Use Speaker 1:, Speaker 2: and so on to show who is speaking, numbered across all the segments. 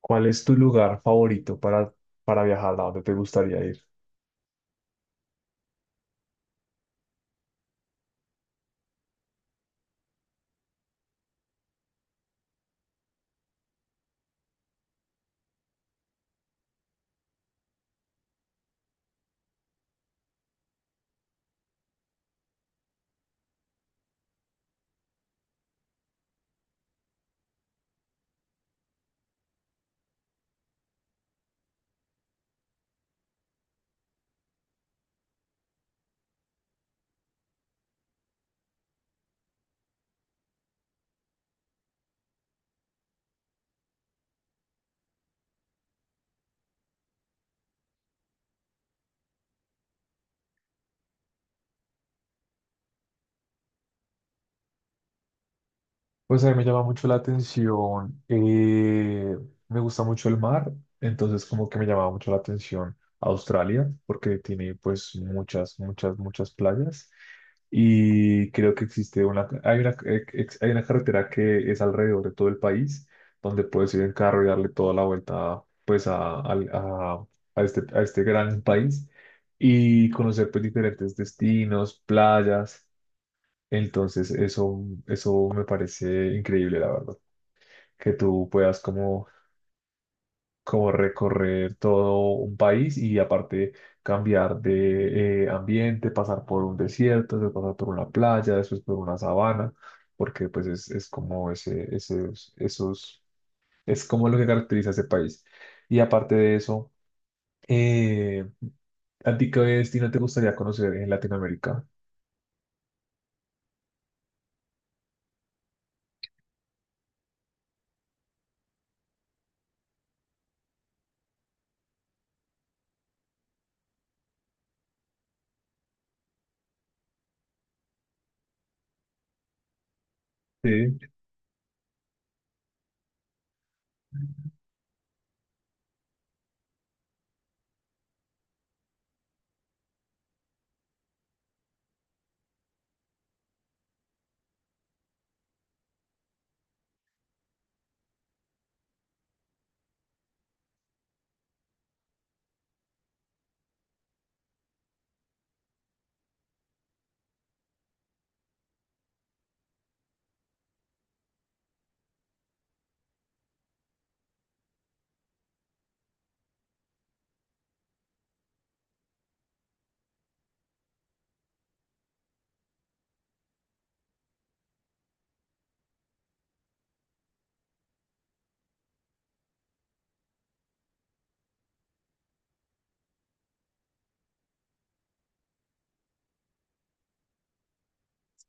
Speaker 1: ¿Cuál es tu lugar favorito para viajar? ¿A dónde te gustaría ir? Pues a mí me llama mucho la atención, me gusta mucho el mar, entonces como que me llamaba mucho la atención Australia, porque tiene pues muchas, muchas, muchas playas y creo que hay una, hay una carretera que es alrededor de todo el país, donde puedes ir en carro y darle toda la vuelta pues a este gran país y conocer pues diferentes destinos, playas. Entonces, eso, Eso me parece increíble, la verdad, que tú puedas como recorrer todo un país y aparte cambiar de ambiente, pasar por un desierto, después pasar por una playa, después por una sabana, porque pues es como esos, es como lo que caracteriza a ese país. Y aparte de eso, eh, ¿a ti qué destino te gustaría conocer en Latinoamérica? Sí,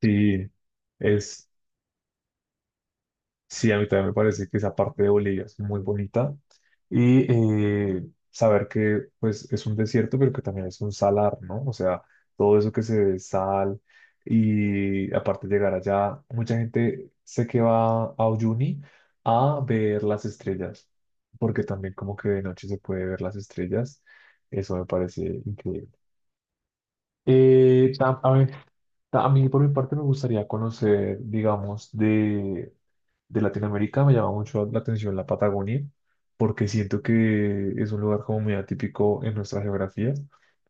Speaker 1: sí, es, sí, a mí también me parece que esa parte de Bolivia es muy bonita y saber que pues es un desierto, pero que también es un salar, ¿no? O sea, todo eso que se ve es sal y aparte llegar allá, mucha gente sé que va a Uyuni a ver las estrellas, porque también como que de noche se puede ver las estrellas, eso me parece increíble. A mí, a mí por mi parte me gustaría conocer, digamos, de Latinoamérica me llama mucho la atención la Patagonia, porque siento que es un lugar como muy atípico en nuestra geografía,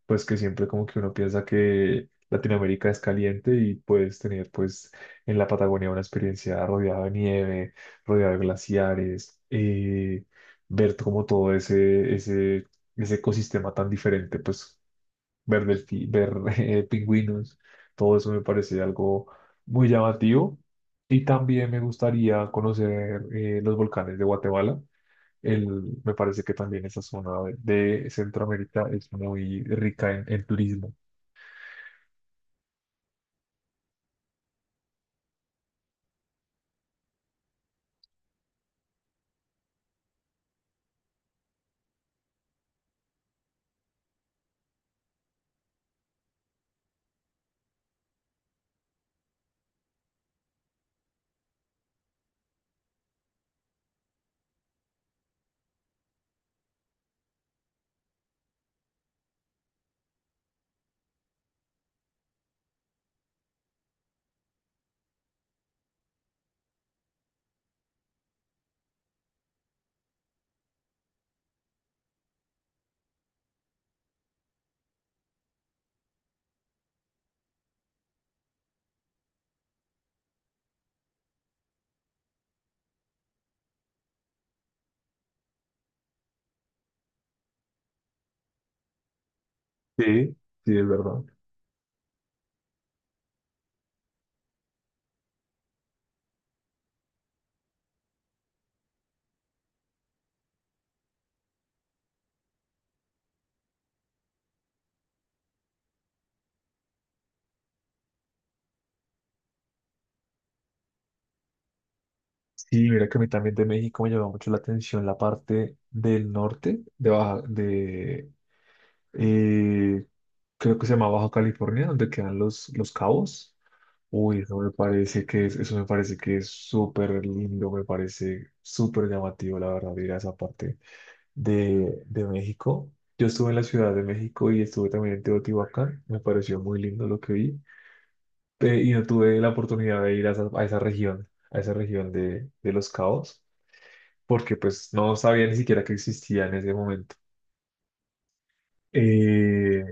Speaker 1: pues que siempre como que uno piensa que Latinoamérica es caliente y puedes tener pues en la Patagonia una experiencia rodeada de nieve, rodeada de glaciares, ver como todo ese ecosistema tan diferente, pues ver, ver pingüinos, todo eso me parece algo muy llamativo. Y también me gustaría conocer los volcanes de Guatemala. El, me parece que también esa zona de Centroamérica es muy rica en turismo. Sí, sí, es verdad. Sí, mira que a mí también de México me llamó mucho la atención la parte del norte, eh, creo que se llama Baja California, donde quedan los cabos. Uy, eso me parece que es súper lindo, me parece súper llamativo, la verdad, ir a esa parte de México. Yo estuve en la Ciudad de México y estuve también en Teotihuacán, me pareció muy lindo lo que vi, y no tuve la oportunidad de ir a a esa región de Los Cabos, porque pues no sabía ni siquiera que existía en ese momento. Eh,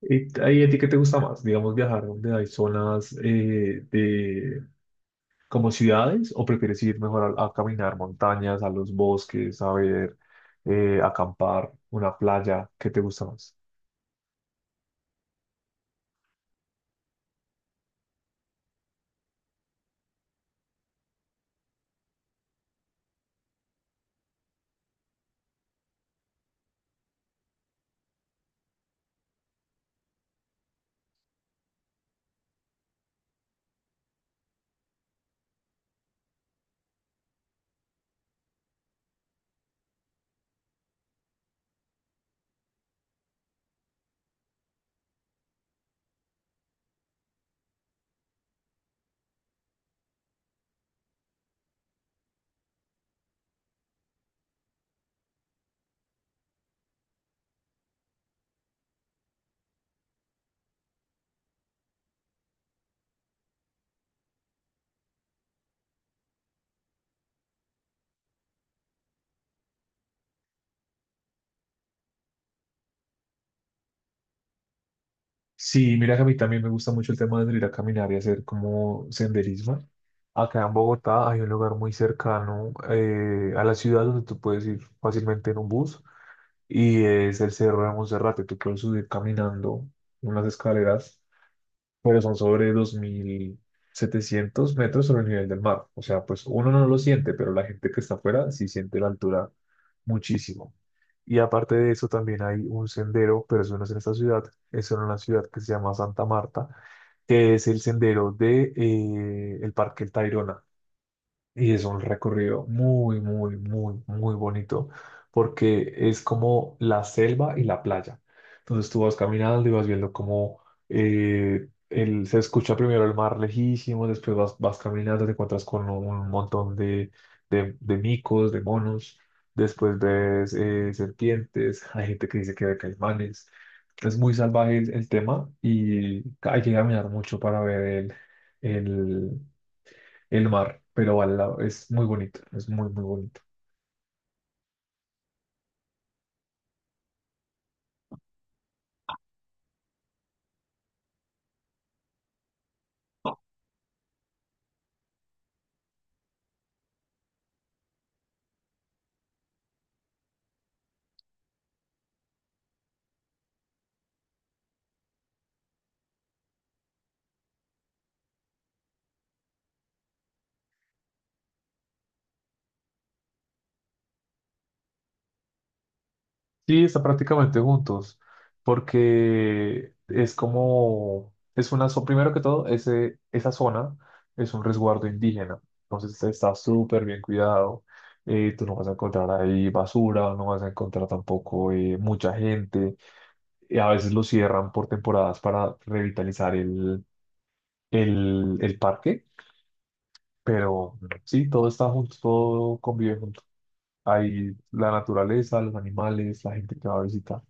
Speaker 1: ¿Y ahí a ti qué te gusta más? Digamos, viajar donde hay zonas como ciudades o prefieres ir mejor a caminar montañas, a los bosques, a ver, acampar, ¿una playa? ¿Qué te gusta más? Sí, mira que a mí también me gusta mucho el tema de salir a caminar y hacer como senderismo. Acá en Bogotá hay un lugar muy cercano a la ciudad donde tú puedes ir fácilmente en un bus y es el Cerro de Monserrate. Tú puedes subir caminando unas escaleras, pero son sobre 2.700 metros sobre el nivel del mar. O sea, pues uno no lo siente, pero la gente que está afuera sí siente la altura muchísimo. Y aparte de eso, también hay un sendero, pero eso no es en esta ciudad, es en una ciudad que se llama Santa Marta, que es el sendero el Parque El Tayrona. Y es un recorrido muy, muy, muy, muy bonito porque es como la selva y la playa. Entonces tú vas caminando y vas viendo cómo se escucha primero el mar lejísimo, después vas caminando, te encuentras con un montón de micos, de monos, después ves serpientes, hay gente que dice que ve caimanes. Es muy salvaje el tema y hay que caminar mucho para ver el, el mar, pero al lado. Es muy bonito, es muy, muy bonito. Sí, están prácticamente juntos, porque es como, primero que todo, esa zona es un resguardo indígena, entonces está súper bien cuidado, tú no vas a encontrar ahí basura, no vas a encontrar tampoco mucha gente, y a veces lo cierran por temporadas para revitalizar el parque, pero sí, todo está junto, todo convive junto. Hay la naturaleza, los animales, la gente que va a visitar.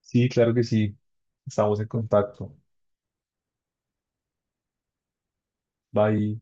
Speaker 1: Sí, claro que sí. Estamos en contacto. Bye.